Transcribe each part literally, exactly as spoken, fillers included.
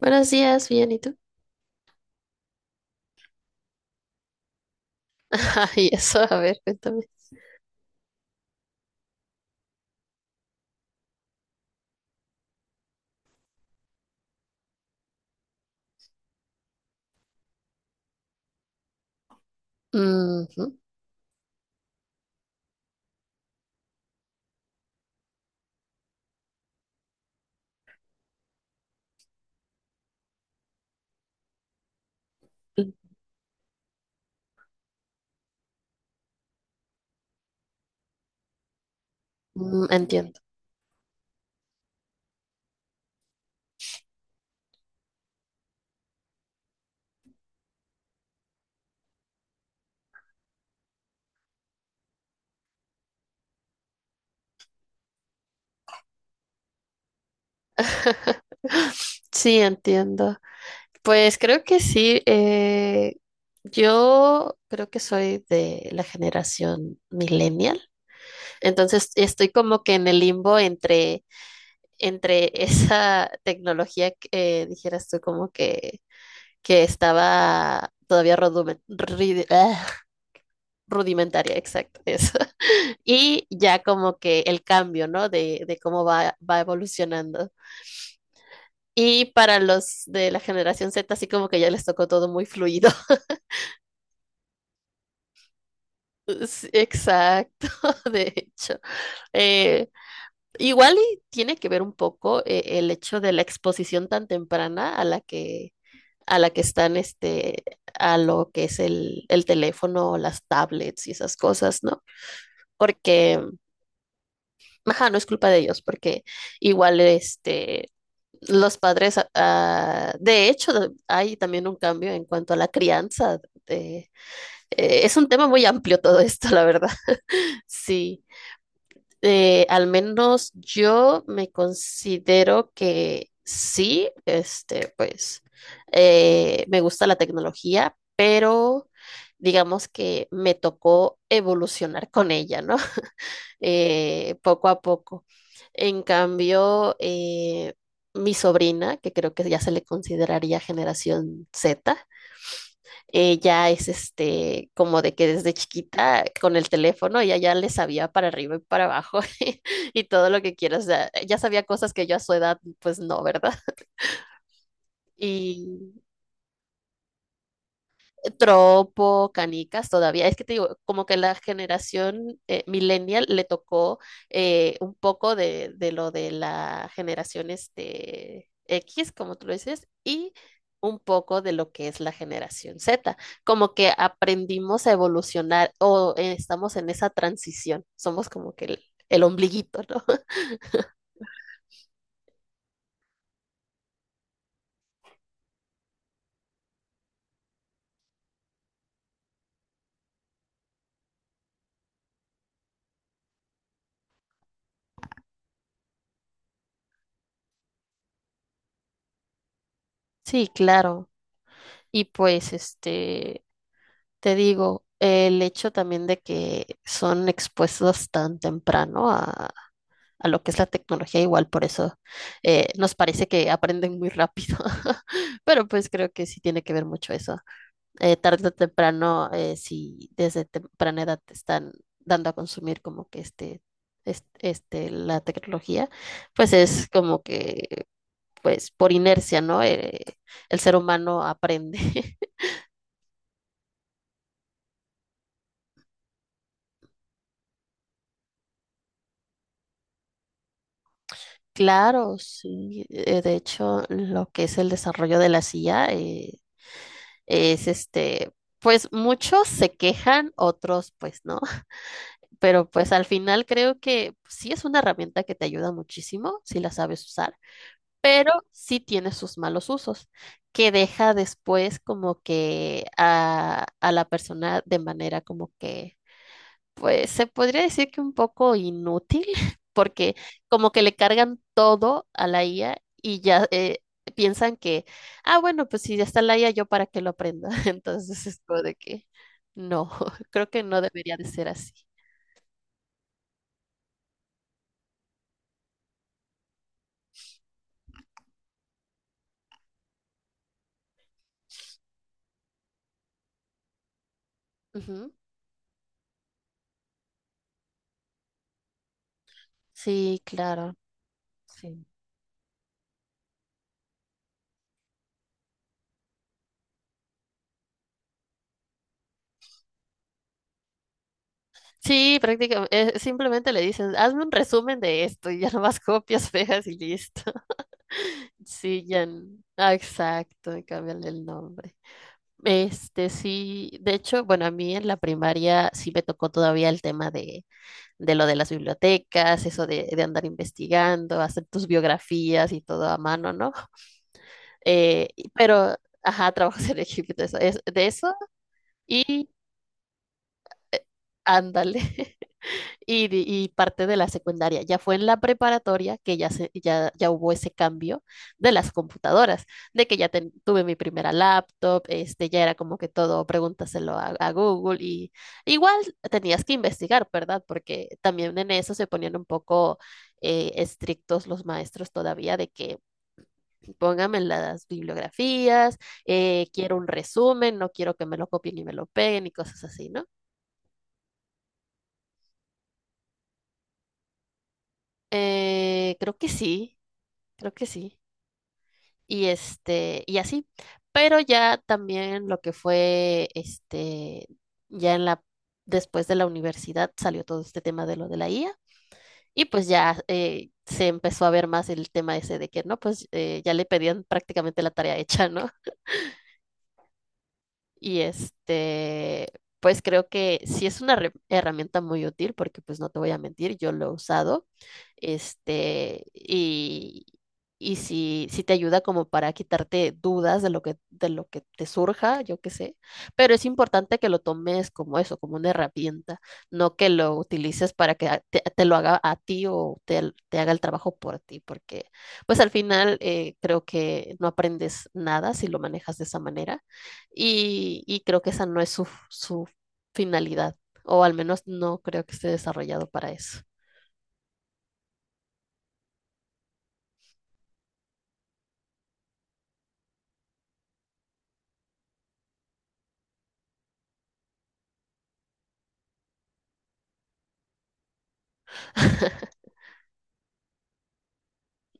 Buenos días, bien, ¿y tú? Y eso, a ver, cuéntame. Ujú, mm, entiendo. Sí, entiendo. Pues creo que sí. Eh, yo creo que soy de la generación millennial. Entonces estoy como que en el limbo entre, entre esa tecnología que eh, dijeras tú como que, que estaba todavía rodumen- ridi- ah, rudimentaria, exacto, eso. Y ya como que el cambio, ¿no? De, de cómo va, va evolucionando. Y para los de la generación Z, así como que ya les tocó todo muy fluido. Sí, exacto, de hecho. Eh, Igual y tiene que ver un poco eh, el hecho de la exposición tan temprana a la que, a la que están, este, a lo que es el, el teléfono, las tablets y esas cosas, ¿no? Porque, ajá, no es culpa de ellos, porque igual, este, los padres, ah, ah, de hecho, de- hay también un cambio en cuanto a la crianza. de- eh, es un tema muy amplio todo esto, la verdad. Sí, Eh, al menos yo me considero que sí, este, pues, eh, me gusta la tecnología, pero digamos que me tocó evolucionar con ella, ¿no? Eh, poco a poco. En cambio, eh, mi sobrina, que creo que ya se le consideraría generación Z, ella es este, como de que desde chiquita con el teléfono ella ya le sabía para arriba y para abajo y todo lo que quieras. O sea, ya sabía cosas que yo a su edad, pues no, ¿verdad? Y tropo, canicas todavía. Es que te digo, como que la generación eh, millennial le tocó eh, un poco de, de lo de la generación este, X, como tú lo dices, y un poco de lo que es la generación Z. Como que aprendimos a evolucionar o eh, estamos en esa transición. Somos como que el, el ombliguito, ¿no? Sí, claro. Y pues, este, te digo, el hecho también de que son expuestos tan temprano a, a lo que es la tecnología, igual por eso eh, nos parece que aprenden muy rápido, pero pues creo que sí tiene que ver mucho eso. Eh, tarde o temprano, eh, si desde temprana edad te están dando a consumir como que este, este, este, la tecnología, pues es como que, pues por inercia, ¿no? Eh, el ser humano aprende. Claro, sí. eh, De hecho, lo que es el desarrollo de la silla es este, pues muchos se quejan, otros pues no, pero pues al final creo que sí es una herramienta que te ayuda muchísimo si la sabes usar, pero sí tiene sus malos usos, que deja después como que a, a la persona de manera como que eh, se podría decir que un poco inútil, porque como que le cargan todo a la I A y ya eh, piensan que, ah, bueno, pues si ya está la I A, yo para qué lo aprenda. Entonces es como de que no, creo que no debería de ser así. Ujú. Sí, claro. Sí, sí, prácticamente, eh, simplemente le dicen, hazme un resumen de esto y ya nomás copias, pegas y listo. Sí, ya. n- Ah, exacto, y cámbiale el nombre. Este sí, de hecho, bueno, a mí en la primaria sí me tocó todavía el tema de, de lo de las bibliotecas, eso de, de andar investigando, hacer tus biografías y todo a mano, ¿no? Eh, y- pero, ajá, trabajos en equipo, de eso, es- de eso y eh, ándale. Y, de- y parte de la secundaria. Ya fue en la preparatoria que ya, se, ya, ya hubo ese cambio de las computadoras, de que ya ten- tuve mi primera laptop, este, ya era como que todo, pregúntaselo a, a Google y igual tenías que investigar, ¿verdad? Porque también en eso se ponían un poco eh, estrictos los maestros todavía de que pónganme las bibliografías, eh, quiero un resumen, no quiero que me lo copien y me lo peguen y cosas así, ¿no? Eh, creo que sí, creo que sí. Y este, y así. Pero ya también lo que fue, este, ya en la, después de la universidad salió todo este tema de lo de la I A. Y pues ya eh, se empezó a ver más el tema ese de que, no, pues eh, ya le pedían prácticamente la tarea hecha, ¿no? Y este, pues creo que sí es una re- herramienta muy útil porque pues no te voy a mentir, yo lo he usado. Este, y, y sí, sí te ayuda como para quitarte dudas de lo que, de lo que te surja, yo qué sé. Pero es importante que lo tomes como eso, como una herramienta, no que lo utilices para que a- te, te lo haga a ti o te, te haga el trabajo por ti, porque pues al final eh, creo que no aprendes nada si lo manejas de esa manera y, y creo que esa no es su, su finalidad, o al menos no creo que esté desarrollado para eso.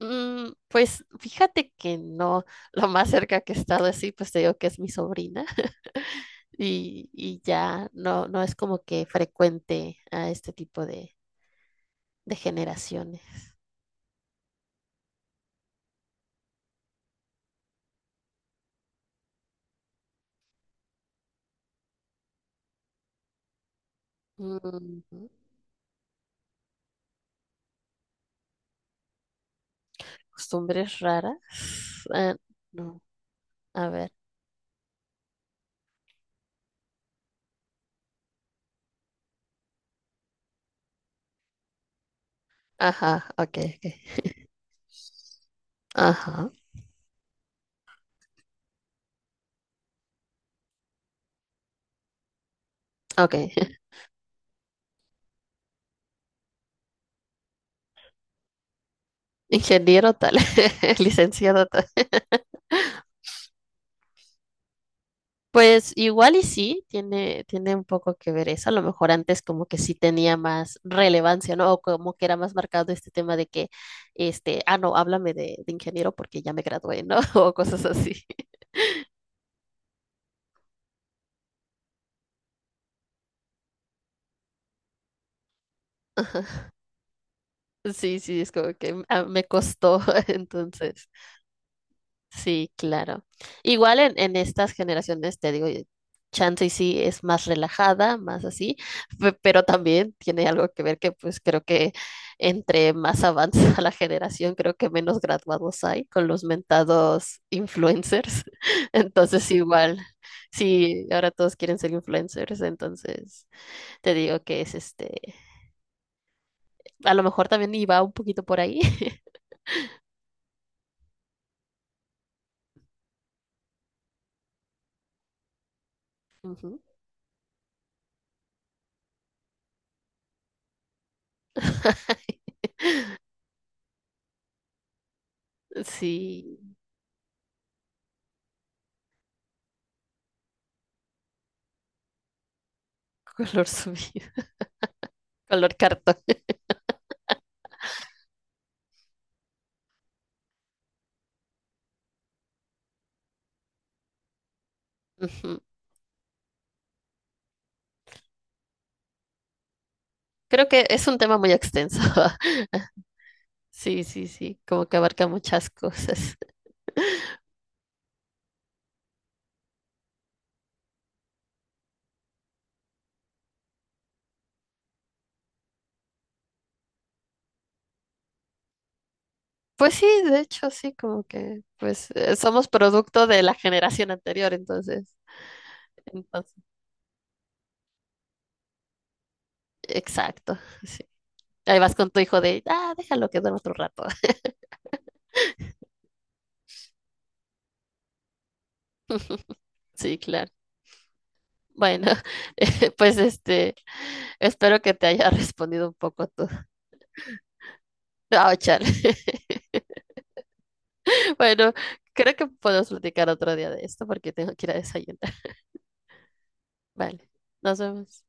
Mm, pues fíjate que no, lo más cerca que he estado así, pues te digo que es mi sobrina y, y ya no, no es como que frecuente a este tipo de, de generaciones. Mm, costumbres raras. Ah, no, a ver. Ajá, ok, ok. Ajá, ok. Ingeniero tal, licenciado tal. Pues igual y sí, tiene, tiene un poco que ver eso. A lo mejor antes como que sí tenía más relevancia, ¿no? O como que era más marcado este tema de que, este, ah, no, háblame de, de ingeniero porque ya me gradué, ¿no? O cosas así. Ajá. Sí, sí, es como que ah, me costó, entonces. Sí, claro. Igual en, en estas generaciones, te digo, eh, chance y sí es más relajada, más así, pe- pero también tiene algo que ver que pues creo que entre más avanza la generación, creo que menos graduados hay con los mentados influencers. Entonces igual, sí, ahora todos quieren ser influencers, entonces te digo que es este, a lo mejor también iba un poquito por ahí. Ujú. Sí, color subido, color cartón. Creo que es un tema muy extenso. Sí, sí, sí, como que abarca muchas cosas. Pues sí, de hecho, sí, como que pues eh, somos producto de la generación anterior, entonces, entonces, exacto, sí. Ahí vas con tu hijo de, ah, déjalo que duerma otro rato. Sí, claro. Bueno, eh, pues este, espero que te haya respondido un poco tú. Ah, chale. Bueno, creo que podemos platicar otro día de esto porque tengo que ir a desayunar. Vale, nos vemos.